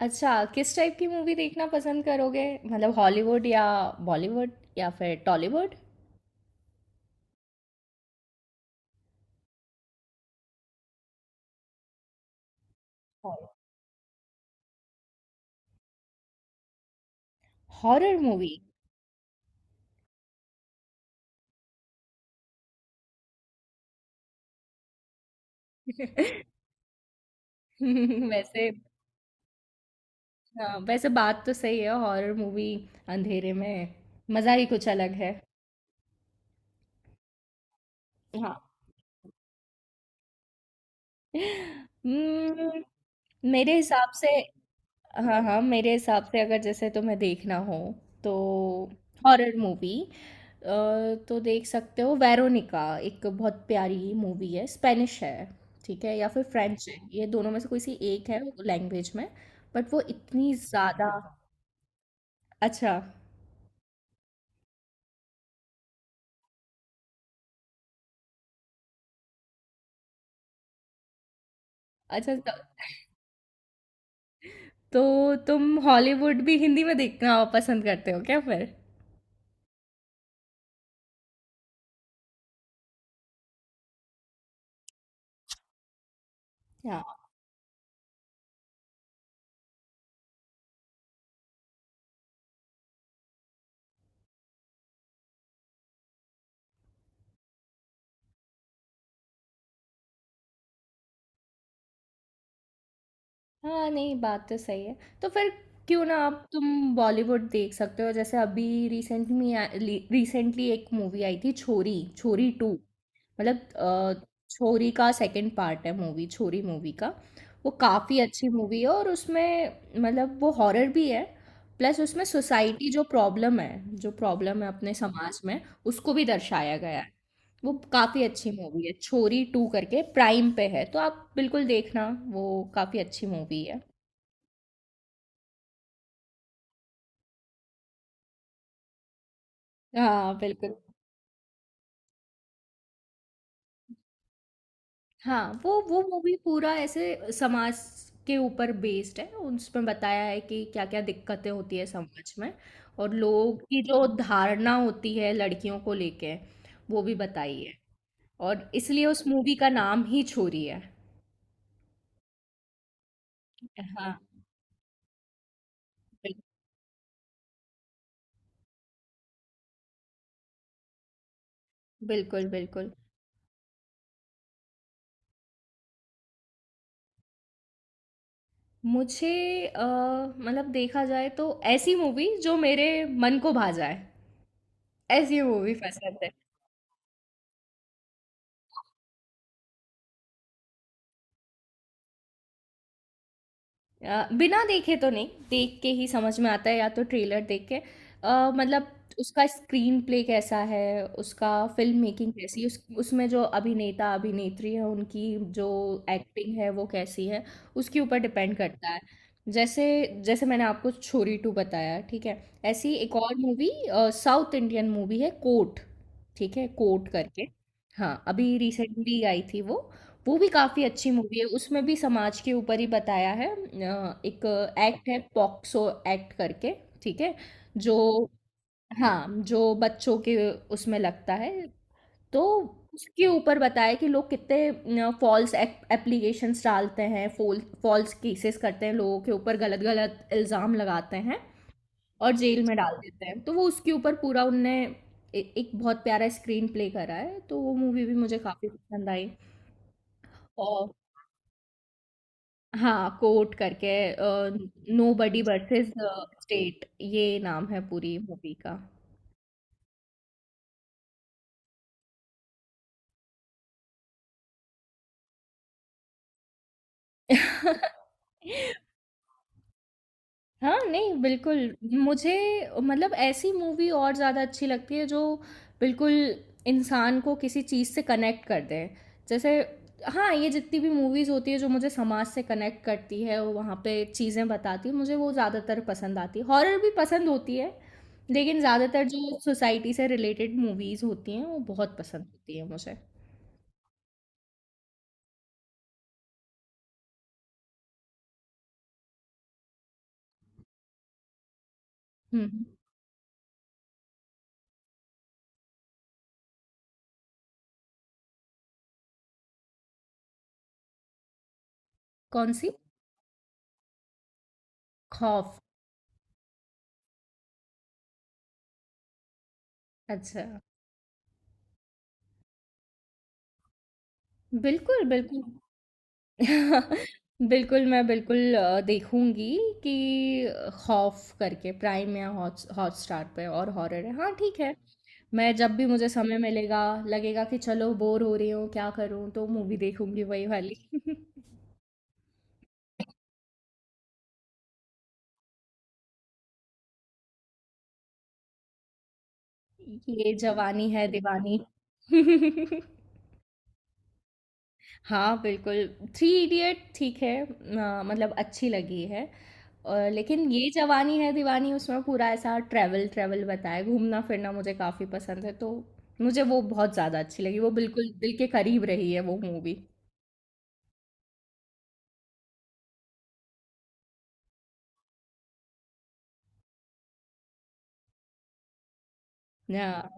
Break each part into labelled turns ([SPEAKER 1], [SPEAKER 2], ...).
[SPEAKER 1] अच्छा, किस टाइप की मूवी देखना पसंद करोगे? मतलब हॉलीवुड या बॉलीवुड या फिर टॉलीवुड? Horror movie? वैसे, हाँ, वैसे बात तो सही है। हॉरर मूवी अंधेरे में मज़ा ही कुछ अलग है। हाँ। उम्म, मेरे हिसाब से, हाँ, हाँ, मेरे हिसाब से अगर जैसे तुम्हें देखना हो तो हॉरर मूवी तो देख सकते हो। वेरोनिका एक बहुत प्यारी मूवी है, स्पेनिश है, ठीक है, या फिर फ्रेंच है, ये दोनों में से कोई सी एक है लैंग्वेज में, बट वो इतनी ज़्यादा। अच्छा, अच्छा। तो तुम हॉलीवुड भी हिंदी में देखना पसंद करते हो क्या फिर? हाँ, नहीं बात तो सही है। तो फिर क्यों ना, आप तुम बॉलीवुड देख सकते हो, जैसे अभी रिसेंट में रिसेंटली एक मूवी आई थी, छोरी छोरी टू। मतलब छोरी का सेकंड पार्ट है, मूवी छोरी मूवी का। वो काफ़ी अच्छी मूवी है, और उसमें मतलब वो हॉरर भी है। प्लस उसमें सोसाइटी जो प्रॉब्लम है, जो प्रॉब्लम है अपने समाज में, उसको भी दर्शाया गया है। वो काफ़ी अच्छी मूवी है। छोरी टू करके प्राइम पे है, तो आप बिल्कुल देखना। वो काफ़ी अच्छी मूवी है। हाँ बिल्कुल। हाँ, वो मूवी पूरा ऐसे समाज के ऊपर बेस्ड है। उसमें बताया है कि क्या क्या दिक्कतें होती है समाज में, और लोग की जो धारणा होती है लड़कियों को लेके, वो भी बताई है। और इसलिए उस मूवी का नाम ही छोरी है। हाँ, बिल- बिल्कुल बिल्कुल। मुझे अ, मतलब देखा जाए तो ऐसी मूवी जो मेरे मन को भा जाए, ऐसी मूवी पसंद है। बिना देखे तो नहीं, देख के ही समझ में आता है, या तो ट्रेलर देख के। मतलब उसका स्क्रीन प्ले कैसा है, उसका फिल्म मेकिंग कैसी है, उसमें जो अभिनेता अभिनेत्री है उनकी जो एक्टिंग है वो कैसी है, उसके ऊपर डिपेंड करता है। जैसे जैसे मैंने आपको छोरी टू बताया, ठीक है। ऐसी एक और मूवी, साउथ इंडियन मूवी है, कोट। ठीक है, कोट करके। हाँ, अभी रिसेंटली आई थी वो। वो भी काफ़ी अच्छी मूवी है, उसमें भी समाज के ऊपर ही बताया है। एक एक्ट है, पॉक्सो एक्ट करके, ठीक है, जो, हाँ, जो बच्चों के उसमें लगता है। तो उसके ऊपर बताया कि लोग कितने फॉल्स एप्लीकेशंस डालते हैं, फॉल्स केसेस करते हैं, लोगों के ऊपर गलत गलत इल्ज़ाम लगाते हैं, और जेल में डाल देते हैं। तो वो उसके ऊपर पूरा उनने एक बहुत प्यारा स्क्रीन प्ले करा है, तो वो मूवी भी मुझे काफ़ी पसंद आई। हाँ, कोट करके। अ, हुँ। नोबडी वर्सेस स्टेट, ये नाम है पूरी मूवी का। हाँ, नहीं बिल्कुल, मुझे मतलब ऐसी मूवी और ज़्यादा अच्छी लगती है जो बिल्कुल इंसान को किसी चीज़ से कनेक्ट कर दे। जैसे, हाँ, ये जितनी भी मूवीज़ होती है जो मुझे समाज से कनेक्ट करती है, वो वहाँ पे चीज़ें बताती है, मुझे वो ज़्यादातर पसंद आती है। हॉरर भी पसंद होती है, लेकिन ज़्यादातर जो सोसाइटी से रिलेटेड मूवीज़ होती हैं, वो बहुत पसंद होती है मुझे। हुँ, हुँ। कौन-सी? खौफ। अच्छा। बिल्कुल, बिल्कुल। बिल्कुल, मैं बिल्कुल देखूँगी कि खौफ़ करके प्राइम या हॉट्स हॉटस्टार पे, और हॉरर है। हाँ, ठीक है। मैं जब भी, मुझे समय मिलेगा, लगेगा कि चलो बोर हो रही हूँ, क्या करूँ? तो मूवी देखूँगी वही वाली। ये जवानी है दीवानी। हाँ, बिल्कुल, थ्री इडियट ठीक है, मतलब अच्छी लगी है। और लेकिन ये जवानी है दीवानी, उसमें पूरा ऐसा ट्रैवल-ट्रैवल बताया है, घूमना-फिरना मुझे काफ़ी पसंद है, तो मुझे वो बहुत ज़्यादा अच्छी लगी, वो बिल्कुल दिल के करीब रही है वो मूवी। हाँ,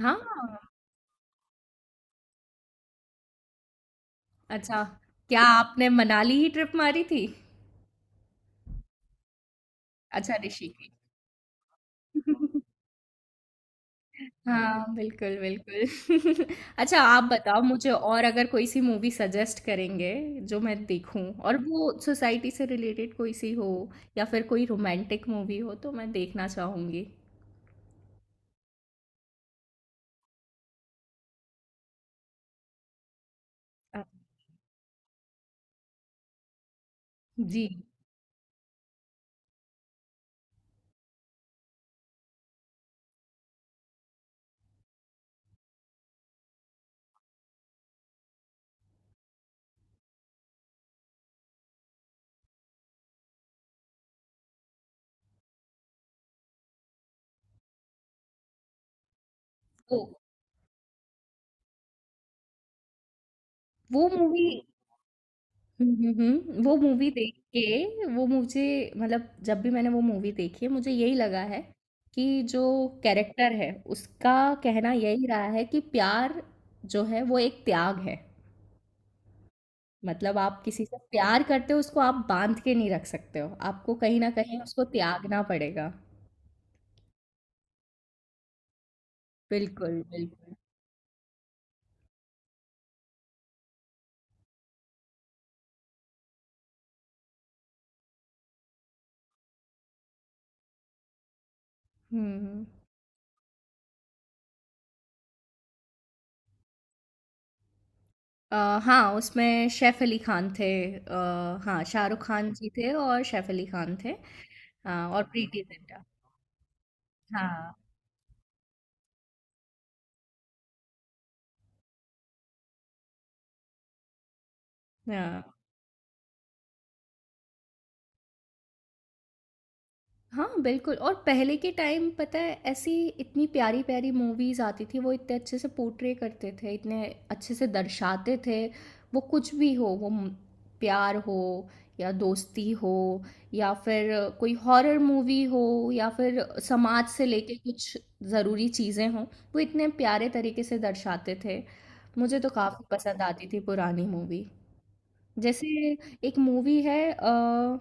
[SPEAKER 1] हाँ, अच्छा, क्या आपने मनाली ही ट्रिप मारी थी? अच्छा, ऋषिकेश। हाँ, बिल्कुल बिल्कुल। अच्छा, आप बताओ मुझे, और अगर कोई सी मूवी सजेस्ट करेंगे जो मैं देखूं, और वो सोसाइटी से रिलेटेड कोई सी हो, या फिर कोई रोमांटिक मूवी हो, तो मैं देखना चाहूंगी। अ, जी। वो वो मूवी। वो मूवी देख के वो मुझे मतलब जब भी मैंने वो मूवी देखी है मुझे यही लगा है कि जो कैरेक्टर है उसका कहना यही रहा है कि प्यार जो है वो एक त्याग है। मतलब आप किसी से प्यार करते हो, उसको आप बांध के नहीं रख सकते हो, आपको कहीं ना कहीं उसको त्यागना पड़ेगा। बिल्कुल बिल्कुल। हम्म। हाँ, उसमें सैफ अली खान थे। हाँ, शाहरुख खान जी थे, और सैफ अली खान थे। हाँ, और प्रीति जिंटा। हाँ। हाँ, हाँ, बिल्कुल, और पहले के टाइम पता है, ऐसी इतनी प्यारी-प्यारी मूवीज़ आती थी, वो इतने अच्छे से पोर्ट्रे करते थे, इतने अच्छे से दर्शाते थे। वो कुछ भी हो, वो म प्यार हो, या दोस्ती हो, या फिर कोई हॉरर मूवी हो, या फिर समाज से लेके कुछ ज़रूरी चीज़ें हों, वो इतने प्यारे तरीके से दर्शाते थे। मुझे तो काफ़ी पसंद आती थी पुरानी मूवी। जैसे एक मूवी है,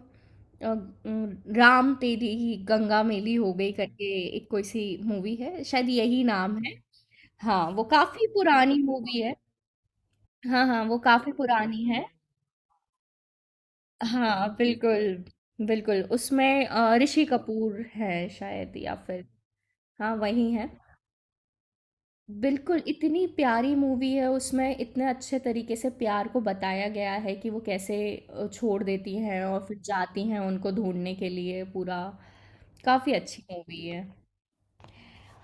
[SPEAKER 1] अ, अ, राम तेरी गंगा मेली हो गई करके, एक कोई सी मूवी है शायद, यही नाम है। हाँ, वो काफी पुरानी मूवी है। हाँ हाँ, वो काफी पुरानी है। हाँ, बिल्कुल बिल्कुल, उसमें ऋषि कपूर है शायद, या फिर... हाँ, वही है। बिल्कुल, इतनी प्यारी मूवी है, उसमें इतने अच्छे तरीके से प्यार को बताया गया है कि वो कैसे छोड़ देती हैं और फिर जाती हैं उनको ढूँढने के लिए पूरा। काफ़ी अच्छी मूवी है।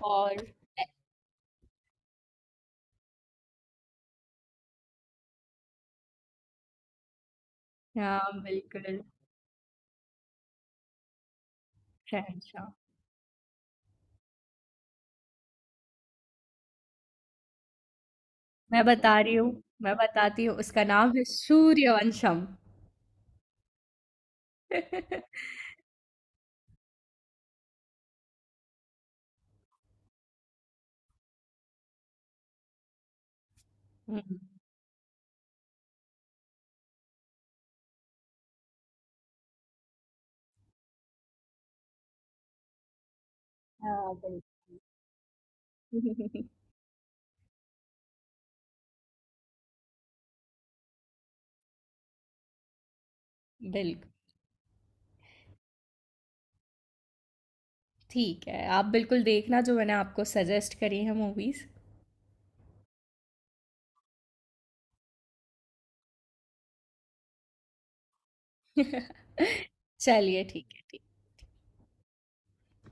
[SPEAKER 1] और हाँ, बिल्कुल, शहंशाह। मैं बता रही हूँ, मैं बताती हूँ उसका नाम है सूर्यवंशम। हुँ, हाँ, बिल्कुल। बिल्कुल, ठीक है। आप बिल्कुल देखना जो मैंने आपको सजेस्ट करी है मूवीज़। चलिए ठीक है, ठीक।